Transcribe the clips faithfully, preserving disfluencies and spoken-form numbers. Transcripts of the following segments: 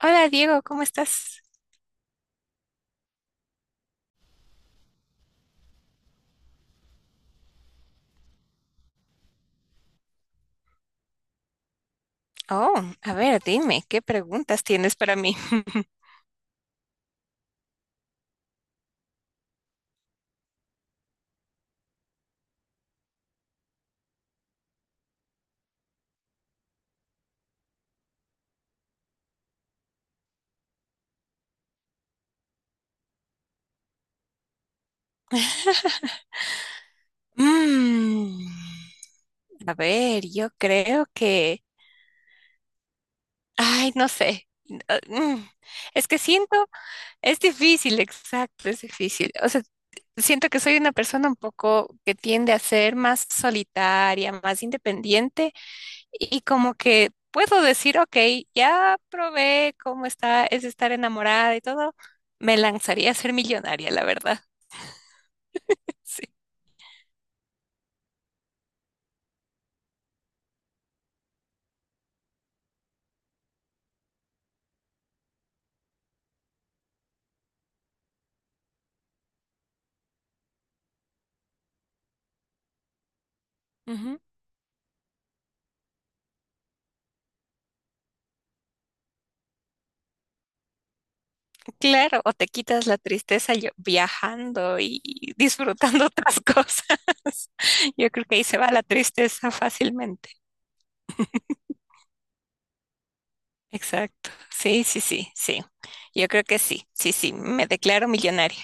Hola Diego, ¿cómo estás? Oh, a ver, dime, ¿qué preguntas tienes para mí? Mm, a ver, yo creo que, ay, no sé. ah, mm, Es que siento, es difícil, exacto, es difícil. O sea, siento que soy una persona un poco que tiende a ser más solitaria, más independiente y como que puedo decir, ok, ya probé cómo está, es estar enamorada y todo. Me lanzaría a ser millonaria, la verdad. Sí. Ujú. Claro, o te quitas la tristeza yo- viajando y disfrutando otras cosas. Yo creo que ahí se va la tristeza fácilmente. Exacto. Sí, sí, sí, sí. Yo creo que sí, sí, sí. Me declaro millonaria.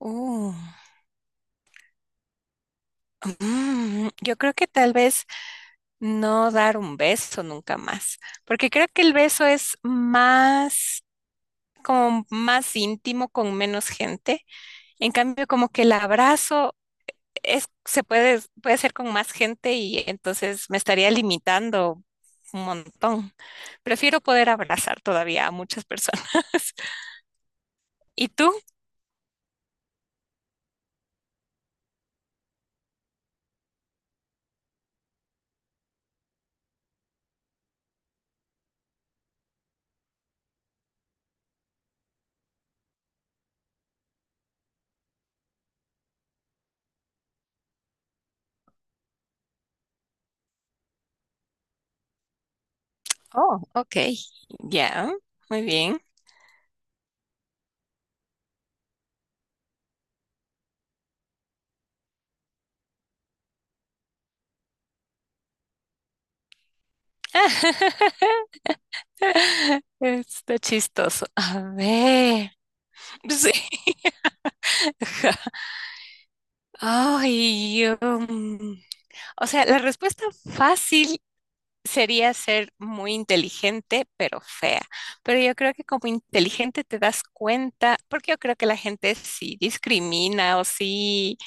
Uh, mm, yo creo que tal vez no dar un beso nunca más, porque creo que el beso es más, como más íntimo con menos gente. En cambio, como que el abrazo es, se puede, puede ser con más gente y entonces me estaría limitando un montón. Prefiero poder abrazar todavía a muchas personas. ¿Y tú? Oh, ok. Ya, muy bien. Está chistoso. A ver. Sí. Ay, um, o sea, la respuesta fácil sería ser muy inteligente, pero fea. Pero yo creo que como inteligente te das cuenta, porque yo creo que la gente sí discrimina o sí,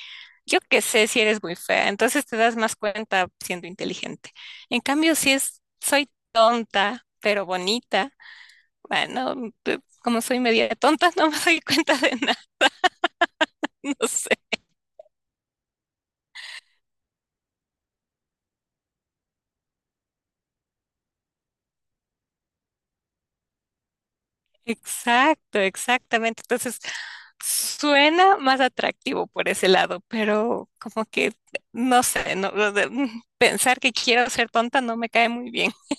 yo qué sé si eres muy fea, entonces te das más cuenta siendo inteligente. En cambio, si es, soy tonta, pero bonita, bueno, te- como soy media tonta, no me doy cuenta de nada, no sé. Exacto, exactamente. Entonces, suena más atractivo por ese lado, pero como que no sé, no, lo de- mm, pensar que quiero ser tonta no me cae muy bien.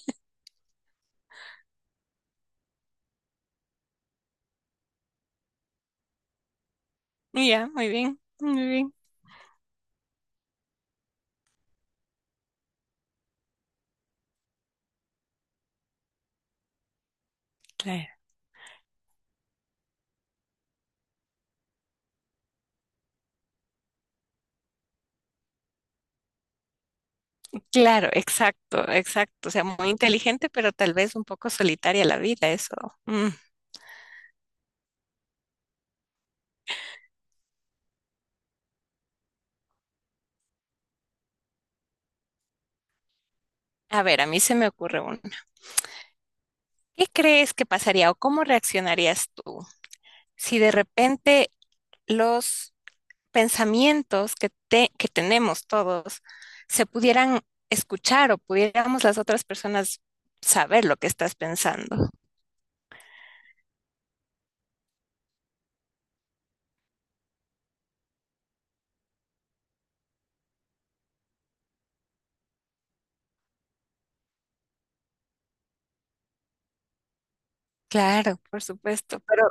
Ya, muy bien, muy bien. Claro. Claro, exacto, exacto. O sea, muy inteligente, pero tal vez un poco solitaria la vida, eso. Mm. A ver, a mí se me ocurre uno. ¿Qué crees que pasaría o cómo reaccionarías tú si de repente los pensamientos que, te- que tenemos todos se pudieran escuchar o pudiéramos las otras personas saber lo que estás pensando. Claro, por supuesto, pero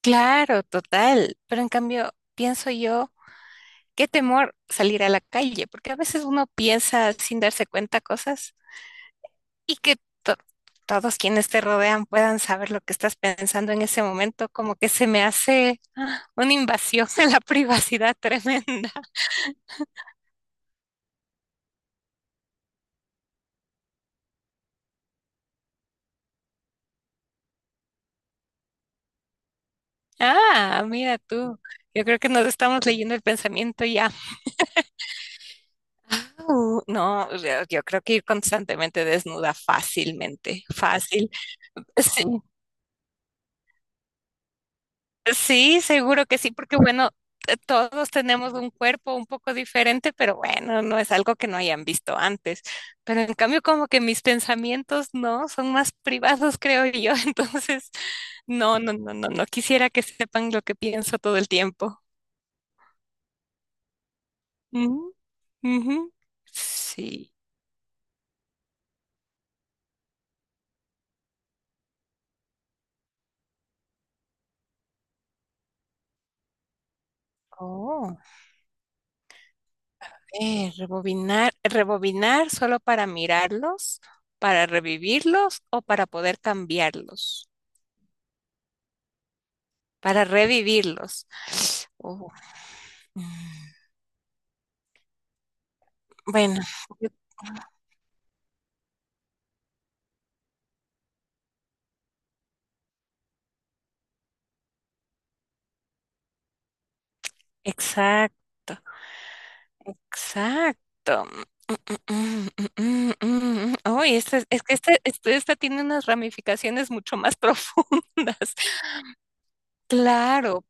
claro, total. Pero en cambio, pienso yo, qué temor salir a la calle, porque a veces uno piensa sin darse cuenta cosas. Y que to- todos quienes te rodean puedan saber lo que estás pensando en ese momento, como que se me hace ah, una invasión en la privacidad tremenda. Ah, mira tú, yo creo que nos estamos leyendo el pensamiento ya. Au, no, yo yo creo que ir constantemente desnuda fácilmente, fácil. Sí, sí, seguro que sí, porque bueno, eh, todos tenemos un cuerpo un poco diferente, pero bueno, no es algo que no hayan visto antes. Pero en cambio, como que mis pensamientos no son más privados, creo yo. Entonces, no, no, no, no, no quisiera que sepan lo que pienso todo el tiempo. Ujú, ujú. Sí. Oh, eh, rebobinar, rebobinar solo para mirarlos, para revivirlos o para poder cambiarlos, para revivirlos. Oh. Bueno, yo- exacto, exacto. Mm, mm, mm, mm, mm. Uy, esta es, es que esta, este- esta tiene unas ramificaciones mucho más profundas. Claro,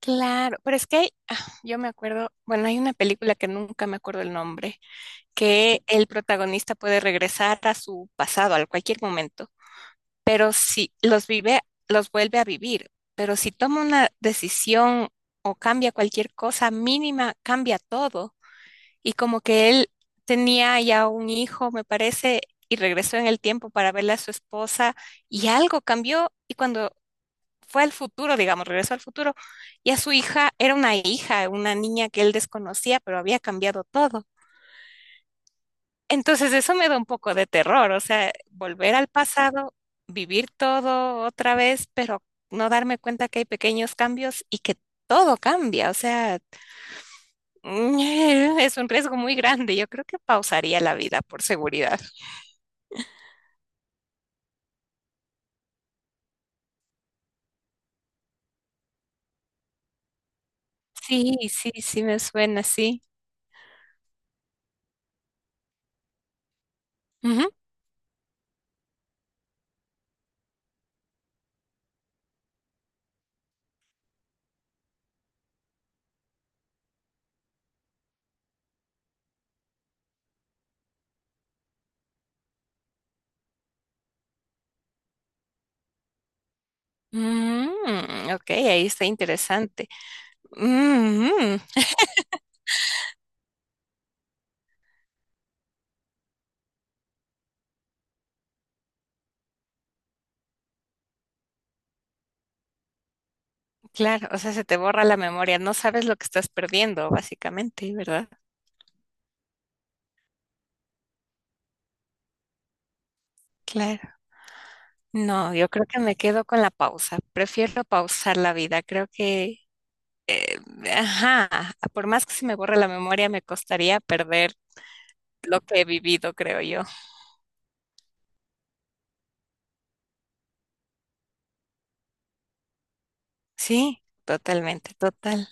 claro, pero es que hay- ah, yo me acuerdo, bueno, hay una película que nunca me acuerdo el nombre, que el protagonista puede regresar a su pasado, a cualquier momento. Pero si los vive, los vuelve a vivir. Pero si toma una decisión o cambia cualquier cosa mínima, cambia todo. Y como que él tenía ya un hijo, me parece, y regresó en el tiempo para verle a su esposa y algo cambió y cuando fue al futuro, digamos, regresó al futuro, ya su hija era una hija, una niña que él desconocía, pero había cambiado todo. Entonces eso me da un poco de terror, o sea, volver al pasado, vivir todo otra vez, pero no darme cuenta que hay pequeños cambios y que todo cambia, o sea, es un riesgo muy grande. Yo creo que pausaría la vida por seguridad. Sí, sí, sí me suena así. Ujú. Mm, ok, ahí está interesante. Mm, claro, o sea, se te borra la memoria, no sabes lo que estás perdiendo, básicamente, ¿verdad? Claro. No, yo creo que me quedo con la pausa. Prefiero pausar la vida. Creo que, ajá, por más que se me borre la memoria, me costaría perder lo que he vivido, creo yo. Sí, totalmente, total.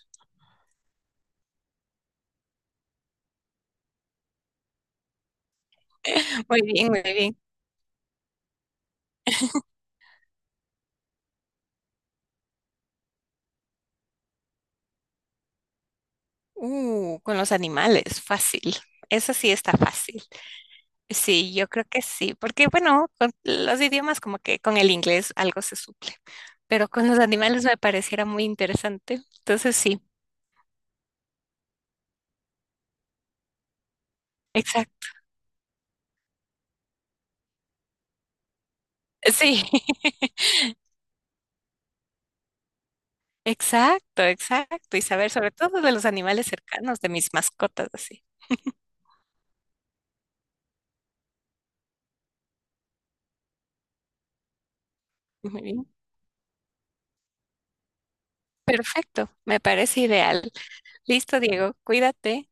Muy bien, muy bien. Uh, con los animales, fácil. Eso sí está fácil. Sí, yo creo que sí, porque bueno, con los idiomas como que con el inglés algo se suple, pero con los animales me pareciera muy interesante. Entonces sí, exacto. Sí. Exacto, exacto. Y saber sobre todo de los animales cercanos, de mis mascotas, así. Muy bien. Perfecto, me parece ideal. Listo, Diego, cuídate.